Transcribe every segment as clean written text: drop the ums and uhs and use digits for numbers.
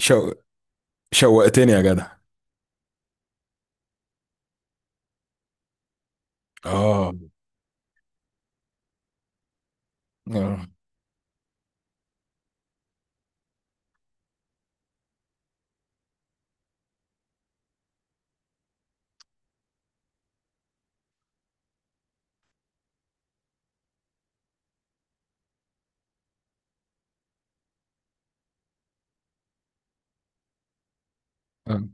شو... شوقتني يا جدع. اه اه اه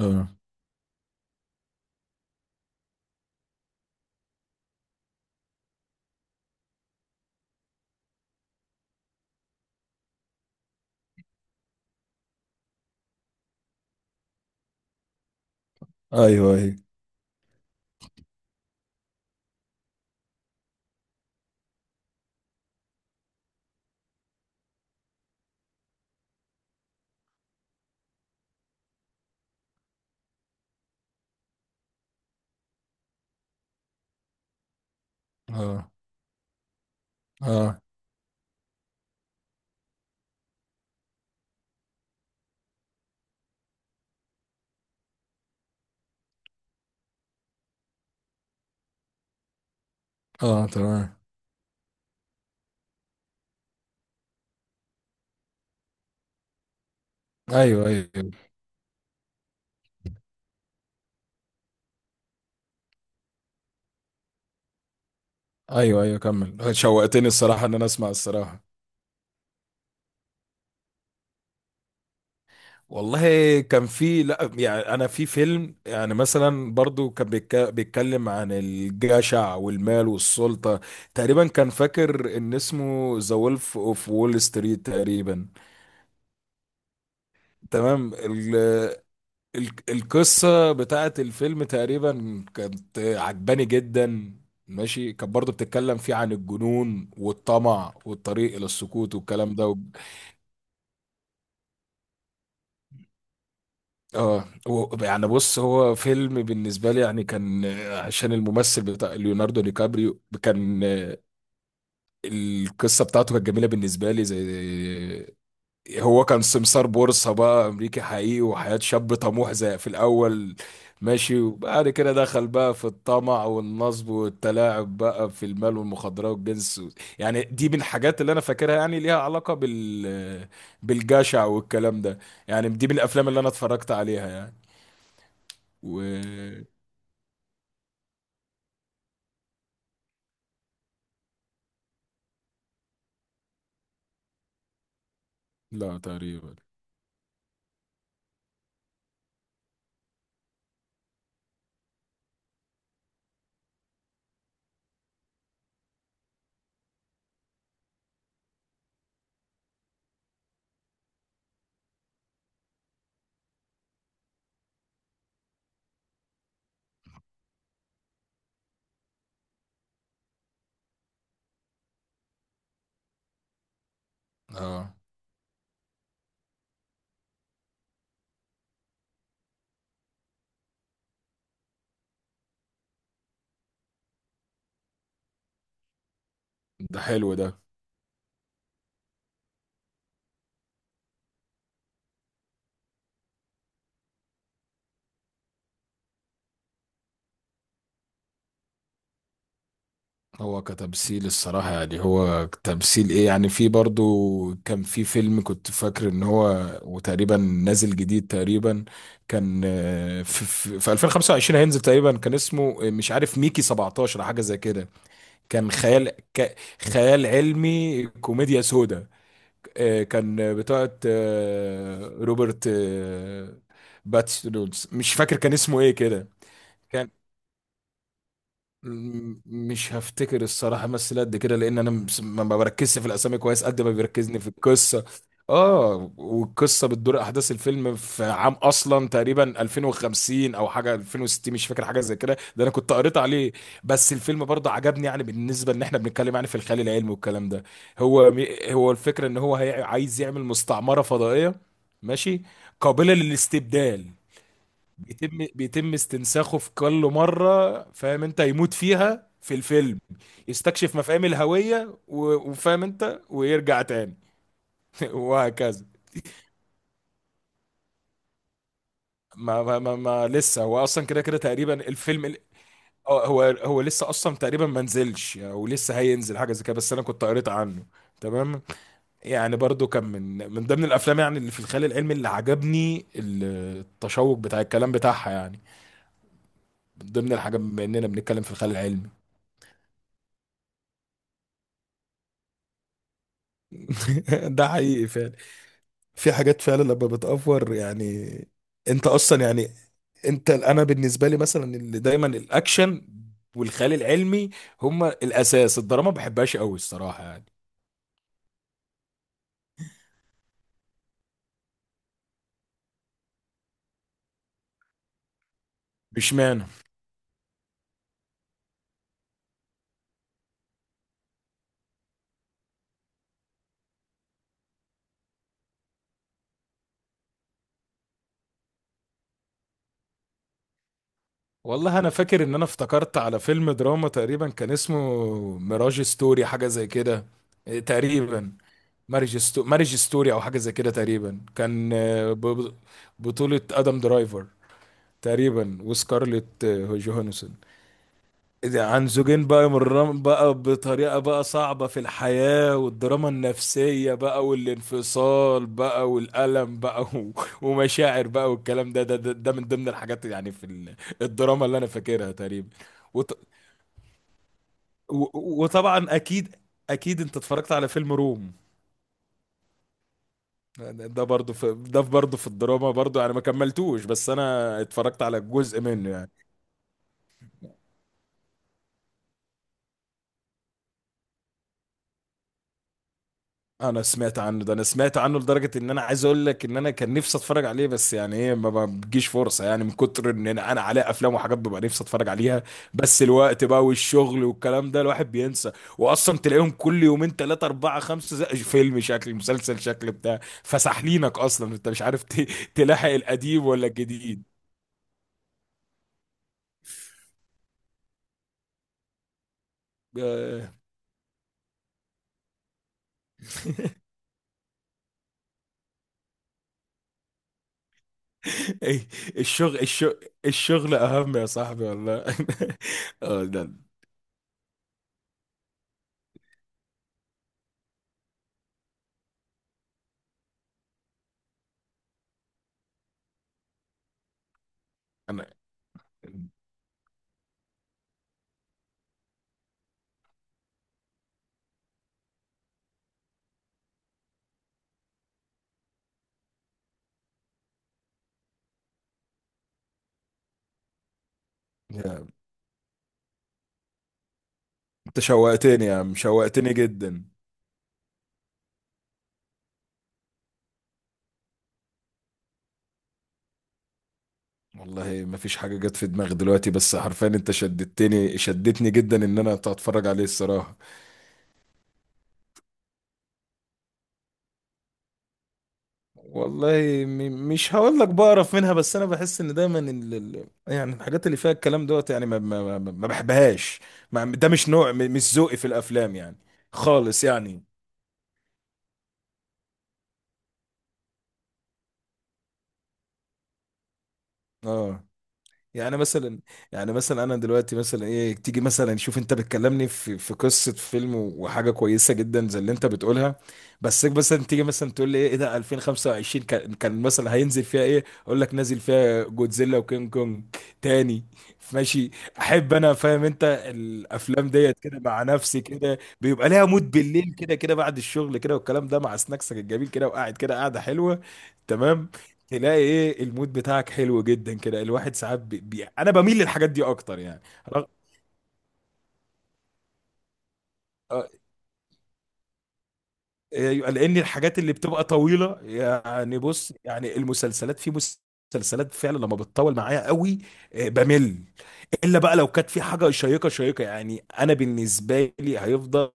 آه. ايوه، اه اه اه تمام. ايوه ايوه ايوه كمل، شوقتني الصراحه ان انا اسمع الصراحه. والله كان في، لا يعني انا في فيلم يعني مثلا برضو كان بيتكلم عن الجشع والمال والسلطه. تقريبا كان فاكر ان اسمه ذا وولف اوف وول ستريت تقريبا. تمام. القصة بتاعت الفيلم تقريبا كانت عجباني جدا. ماشي، كانت برضه بتتكلم فيه عن الجنون والطمع والطريق إلى السكوت والكلام ده يعني بص، هو فيلم بالنسبة لي يعني كان، عشان الممثل بتاع ليوناردو دي كابريو كان، القصة بتاعته كانت جميلة بالنسبة لي. زي هو كان سمسار بورصة بقى أمريكي حقيقي، وحياة شاب طموح زي في الأول. ماشي، وبعد كده دخل بقى في الطمع والنصب والتلاعب بقى في المال والمخدرات والجنس و... يعني دي من الحاجات اللي أنا فاكرها، يعني ليها علاقة بال، بالجشع والكلام ده. يعني دي من الأفلام اللي أنا اتفرجت عليها يعني. و، لا تقريبا. اه. ده حلو ده. هو كتمثيل الصراحة، يعني هو تمثيل ايه؟ يعني في برضو كان في فيلم كنت فاكر ان هو، وتقريبا نازل جديد تقريبا، كان، في 2025 هينزل تقريبا. كان اسمه، مش عارف، ميكي 17 أو حاجة زي كده. كان خيال، خيال علمي كوميديا سودا. كان بتاعت، روبرت، باتس رولز، مش فاكر كان اسمه ايه كده. مش هفتكر الصراحة مثل قد كده، لأن أنا ما بركزش في الأسامي كويس قد ما بيركزني في القصة. آه. والقصة بتدور، أحداث الفيلم في عام أصلا تقريبا 2050 أو حاجة 2060، مش فاكر حاجة زي كده، ده أنا كنت قريت عليه. بس الفيلم برضه عجبني يعني، بالنسبة إن إحنا بنتكلم يعني في الخيال العلمي والكلام ده. هو هو الفكرة إن هو عايز يعمل مستعمرة فضائية. ماشي، قابلة للاستبدال. بيتم استنساخه في كل مرة، فاهم انت، يموت فيها في الفيلم. يستكشف مفاهيم الهوية وفاهم انت، ويرجع تاني وهكذا. ما لسه هو اصلا كده كده تقريبا الفيلم اه، هو هو لسه اصلا تقريبا ما نزلش او لسه هينزل، حاجة زي كده، بس انا كنت قريت عنه. تمام. يعني برضو كان من، من ضمن الافلام يعني اللي في الخيال العلمي اللي عجبني التشوق بتاع الكلام بتاعها يعني، من ضمن الحاجة بما اننا بنتكلم في الخيال العلمي. ده حقيقي فعلا، في حاجات فعلا لما بتأفور يعني. انت اصلا يعني، انت، انا بالنسبه لي مثلا اللي دايما الاكشن والخيال العلمي هما الاساس. الدراما ما بحبهاش قوي الصراحه يعني. مش معنى، والله انا فاكر ان انا افتكرت على فيلم دراما، تقريبا كان اسمه ميراج ستوري، حاجه زي كده. تقريبا مارج ستوري او حاجه زي كده، تقريبا كان، بطوله ادم درايفر تقريبا، وسكارليت، جوهانسون. عن زوجين بقى، مرام بقى بطريقة بقى صعبة في الحياة، والدراما النفسية بقى، والانفصال بقى، والألم بقى، ومشاعر بقى والكلام ده ده من ضمن الحاجات يعني في الدراما اللي أنا فاكرها تقريبا. وط وطبعا أكيد، أكيد أنت اتفرجت على فيلم روم. ده برضه في، ده برضه في الدراما برضه يعني، ما كملتوش، بس أنا اتفرجت على جزء منه يعني. انا سمعت عنه ده، انا سمعت عنه لدرجه ان انا عايز اقول لك ان انا كان نفسي اتفرج عليه، بس يعني ايه، ما بتجيش فرصه يعني، من كتر ان انا، انا عليه افلام وحاجات ببقى نفسي اتفرج عليها. بس الوقت بقى والشغل والكلام ده، الواحد بينسى. واصلا تلاقيهم كل يومين ثلاثه اربعه خمسه، زي فيلم شكل مسلسل شكل بتاع، فسحلينك اصلا انت مش عارف تلاحق القديم ولا الجديد. آه. إيه، الشغل، الشغل، الشغل اهم يا صاحبي والله. اه ده انا انت شوقتني يا عم، شوقتني جدا. والله ما فيش حاجة جت في دماغي دلوقتي، بس حرفيا انت شدتني، شدتني جدا ان انا اتفرج عليه الصراحة. والله، مش هقول لك بقرف منها، بس انا بحس ان دايما يعني الحاجات اللي فيها الكلام دوت يعني ما بحبهاش. ما... ده مش نوع، مش ذوقي في الافلام يعني. خالص يعني. اه. يعني مثلا، يعني مثلا انا دلوقتي مثلا ايه، تيجي مثلا، شوف انت بتكلمني في، في قصه فيلم وحاجه كويسه جدا زي اللي انت بتقولها. بس مثلا تيجي مثلا تقول لي ايه، إيه ده 2025 كان مثلا هينزل فيها ايه، اقول لك نازل فيها جودزيلا وكينج كونج تاني. ماشي، احب انا فاهم انت. الافلام ديت كده مع نفسي كده بيبقى ليها مود بالليل كده كده بعد الشغل كده والكلام ده مع سناكسك الجميل كده، وقاعد كده، قاعده حلوه. تمام. تلاقي ايه المود بتاعك حلو جدا كده، الواحد ساعات انا بميل للحاجات دي اكتر يعني. رغ... آه، أيوة، لان الحاجات اللي بتبقى طويله يعني، بص يعني المسلسلات في، مسلسلات فعلا لما بتطول معايا قوي، بمل. الا بقى لو كانت في حاجه شيقه شيقه يعني. انا بالنسبه لي هيفضل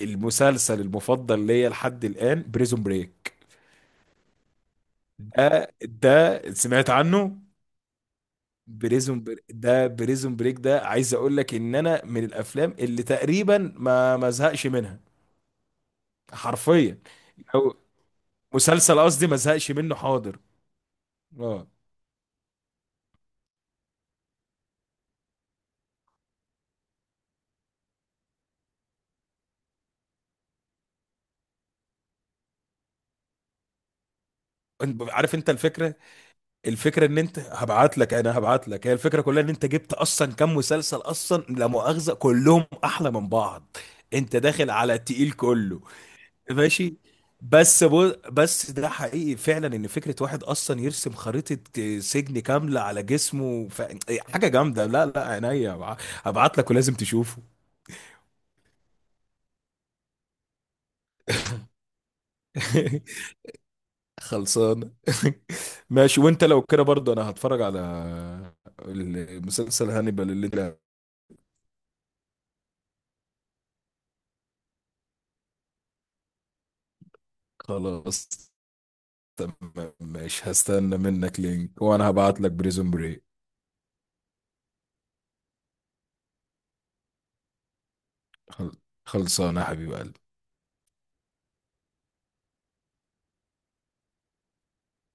المسلسل المفضل ليا لحد الان بريزون بريك. ده ده سمعت عنه؟ بريزون بريك ده، عايز اقول لك ان انا من الافلام اللي تقريبا ما زهقش منها حرفيا، او مسلسل قصدي، ما زهقش منه. حاضر. اه. عارف انت الفكره، الفكره ان انت، هبعت لك، هي الفكره كلها ان انت جبت اصلا كام مسلسل اصلا لا مؤاخذه كلهم احلى من بعض. انت داخل على التقيل كله. ماشي. بس ده حقيقي فعلا ان فكره واحد اصلا يرسم خريطه، سجن كامله على جسمه ف... إيه، حاجه جامده، لا لا عينيا. هبعت لك ولازم تشوفه. خلصان. ماشي، وانت لو كده برضه انا هتفرج على المسلسل هانيبال اللي انت. خلاص، تمام ماشي، هستنى منك لينك وانا هبعت لك بريزون بري. خلصانه يا حبيب قلبي.